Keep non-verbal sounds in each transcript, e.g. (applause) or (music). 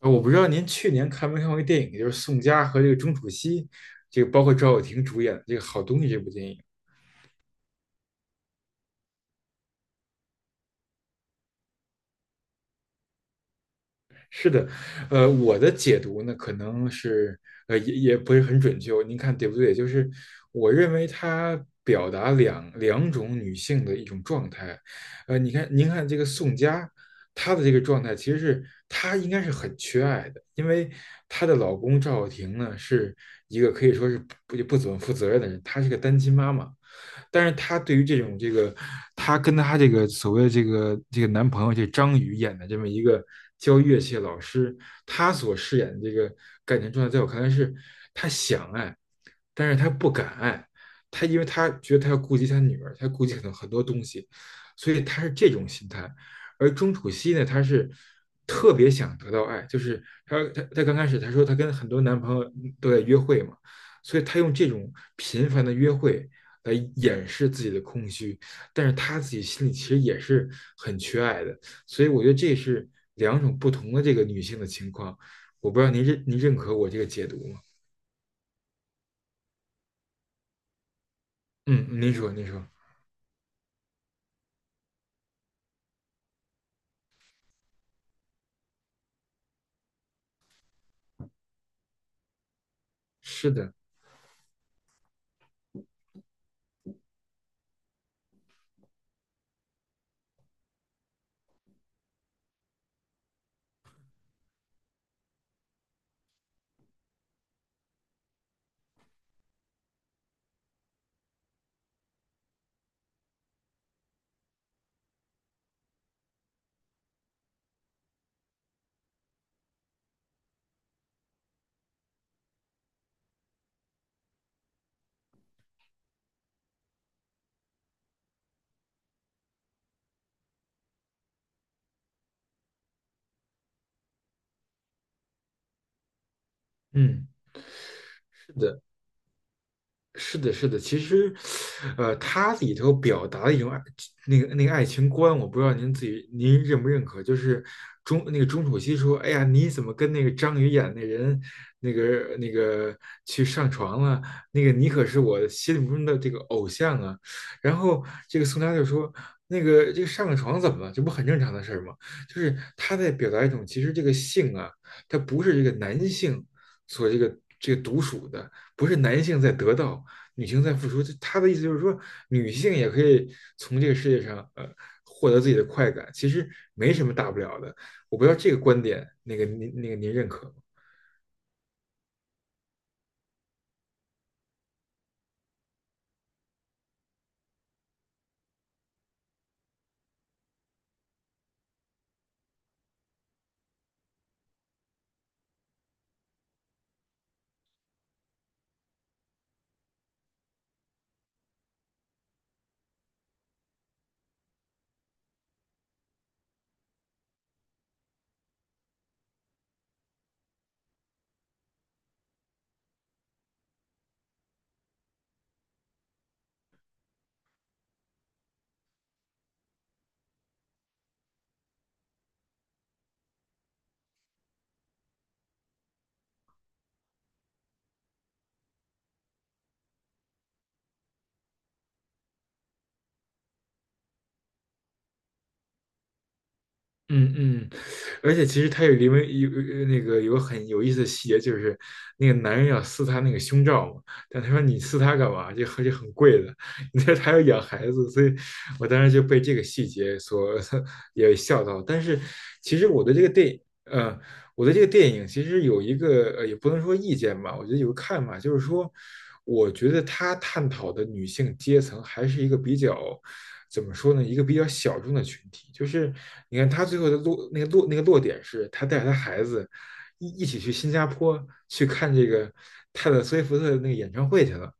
我不知道您去年看没看过一个电影，就是宋佳和这个钟楚曦，这个包括赵又廷主演的这个《好东西》这部电影。是的，我的解读呢，可能是呃也也不是很准确，您看对不对？就是我认为它表达两种女性的一种状态。你看，您看这个宋佳，她的这个状态其实是她应该是很缺爱的，因为她的老公赵又廷呢是一个可以说是不怎么负责任的人，她是个单亲妈妈。但是他对于这种这个，他跟他这个所谓的这个男朋友这张宇演的这么一个教乐器的老师，他所饰演的这个感情状态，在我看来是，他想爱，但是他不敢爱，他因为他觉得他要顾及他女儿，他顾及很多很多东西，所以他是这种心态。而钟楚曦呢，她是特别想得到爱，就是她刚开始她说她跟很多男朋友都在约会嘛，所以她用这种频繁的约会来掩饰自己的空虚，但是他自己心里其实也是很缺爱的，所以我觉得这是两种不同的这个女性的情况，我不知道您认可我这个解读吗？嗯，您说，是的，嗯，是的，是的，是的，其实，它里头表达的一种爱，那个爱情观，我不知道您自己您认不认可，就是那个钟楚曦说，哎呀，你怎么跟那个张宇演那人，那个去上床了？那个你可是我心目中的这个偶像啊。然后这个宋佳就说，那个这个上个床怎么了？这不很正常的事儿吗？就是他在表达一种，其实这个性啊，它不是这个男性所这个独属的，不是男性在得到。女性在付出，她的意思就是说，女性也可以从这个世界上获得自己的快感，其实没什么大不了的。我不知道这个观点，那个您认可吗？嗯嗯，而且其实他里面有那个有个很有意思的细节，就是那个男人要撕他那个胸罩嘛，但他说你撕它干嘛？这而且很贵的，(laughs) 你这还要养孩子，所以我当时就被这个细节所 (laughs) 也笑到。但是其实我对这个电影，我对这个电影其实有一个，也不能说意见吧，我觉得有个看法，就是说，我觉得他探讨的女性阶层还是一个比较。怎么说呢？一个比较小众的群体，就是你看他最后的落那个落那个落点是，他带着他孩子一起去新加坡去看这个泰勒·斯威夫特的那个演唱会去了。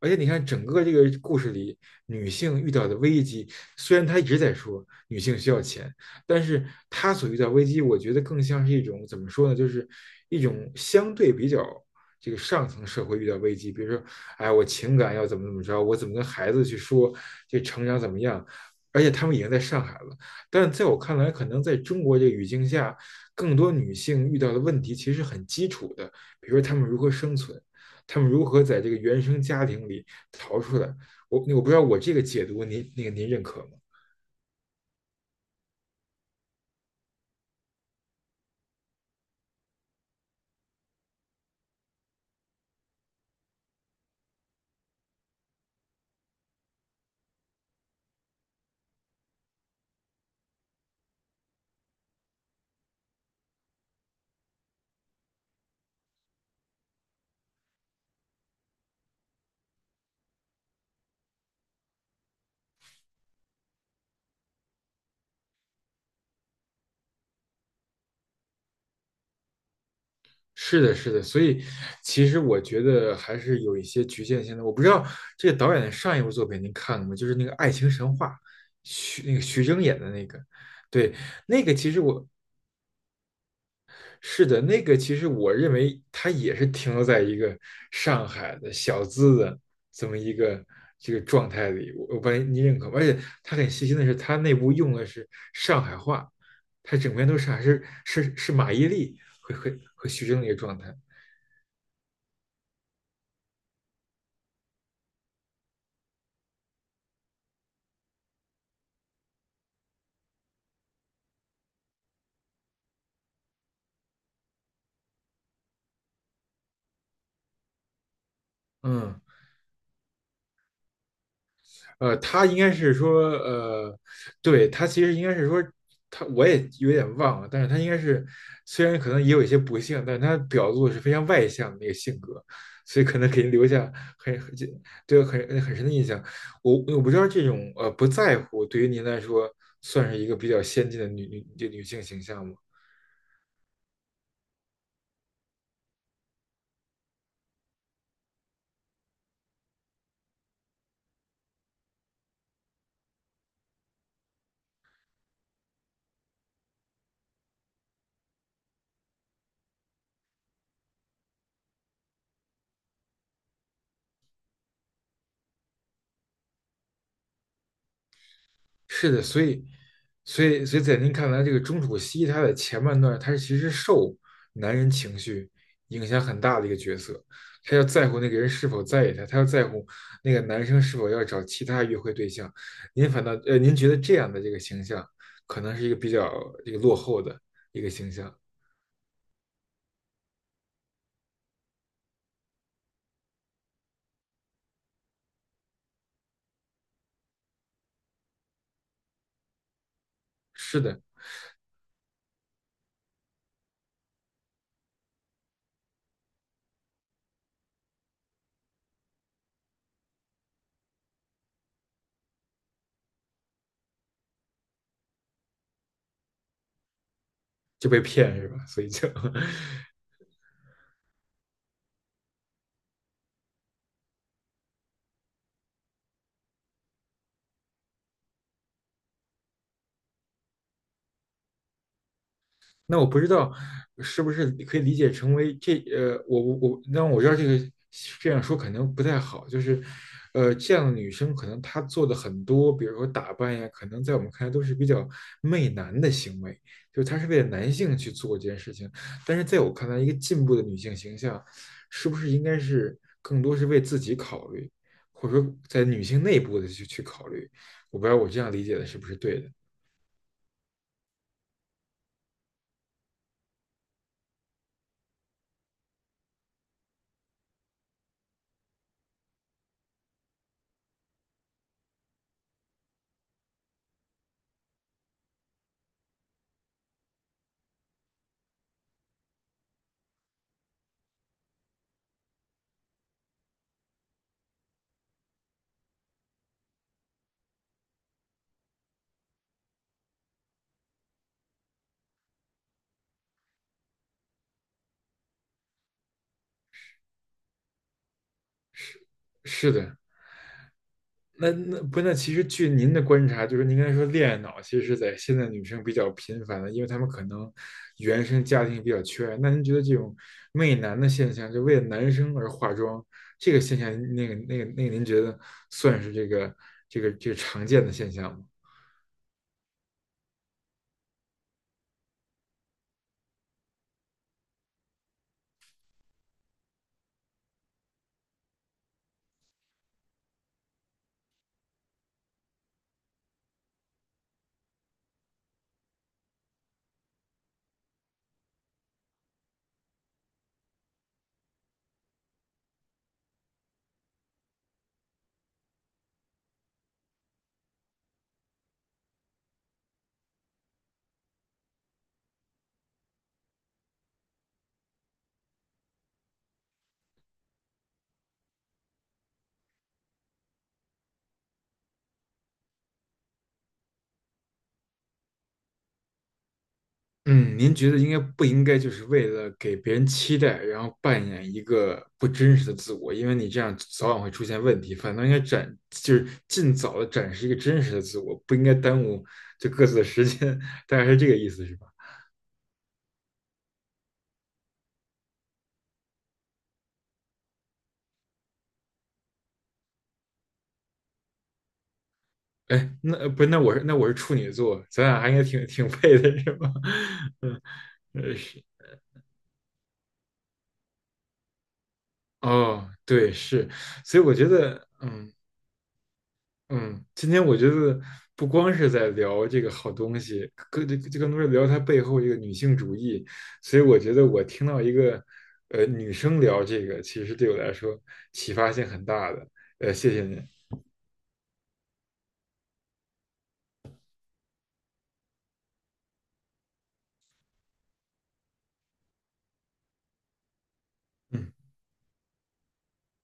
而且你看，整个这个故事里，女性遇到的危机，虽然她一直在说女性需要钱，但是她所遇到危机，我觉得更像是一种怎么说呢，就是一种相对比较这个上层社会遇到危机，比如说哎，我情感要怎么怎么着，我怎么跟孩子去说，这成长怎么样？而且他们已经在上海了，但在我看来，可能在中国这个语境下，更多女性遇到的问题其实很基础的，比如说她们如何生存，她们如何在这个原生家庭里逃出来。我不知道我这个解读您那个您认可吗？是的，是的，所以其实我觉得还是有一些局限性的。我不知道这个导演的上一部作品您看了吗？就是那个《爱情神话》，徐峥演的那个，对，那个其实我是的，那个其实我认为他也是停留在一个上海的小资的这么一个这个状态里。我不知道您认可吗？而且他很细心的是，他那部用的是上海话，他整篇都是还是马伊琍和徐峥的一个状态，嗯。他应该是说，对，他其实应该是说，他我也有点忘了，但是他应该是虽然可能也有一些不幸，但是他表露的是非常外向的那个性格，所以可能给人留下很对很深的印象。我不知道这种不在乎对于您来说算是一个比较先进的女性形象吗？是的，所以，所以，所以在您看来，这个钟楚曦她在前半段，她是其实受男人情绪影响很大的一个角色，她要在乎那个人是否在意她，她要在乎那个男生是否要找其他约会对象。您反倒，您觉得这样的这个形象，可能是一个比较这个落后的一个形象。是的，就被骗是吧？所以就 (laughs) 那我不知道是不是可以理解成为这，我，那我知道这个这样说可能不太好，就是，这样的女生可能她做的很多，比如说打扮呀，可能在我们看来都是比较媚男的行为，就是她是为了男性去做这件事情。但是在我看来，一个进步的女性形象，是不是应该是更多是为自己考虑，或者说在女性内部的去考虑？我不知道我这样理解的是不是对的？是的，那那不那其实据您的观察，就是您刚才说恋爱脑，其实是在现在女生比较频繁的，因为她们可能原生家庭比较缺爱。那您觉得这种媚男的现象，就为了男生而化妆这个现象，那个，您觉得算是这个这个常见的现象吗？嗯，您觉得应该不应该就是为了给别人期待，然后扮演一个不真实的自我？因为你这样早晚会出现问题，反倒应该展，就是尽早的展示一个真实的自我，不应该耽误就各自的时间，(laughs) 大概是这个意思，是吧？哎，不是，那我是处女座，咱俩还应该挺配的，是吧？(laughs) 嗯，是，哦，对，是，所以我觉得，嗯，嗯，今天我觉得不光是在聊这个好东西，更这这更多是聊它背后这个女性主义。所以我觉得我听到一个女生聊这个，其实对我来说启发性很大的。谢谢您。嗯。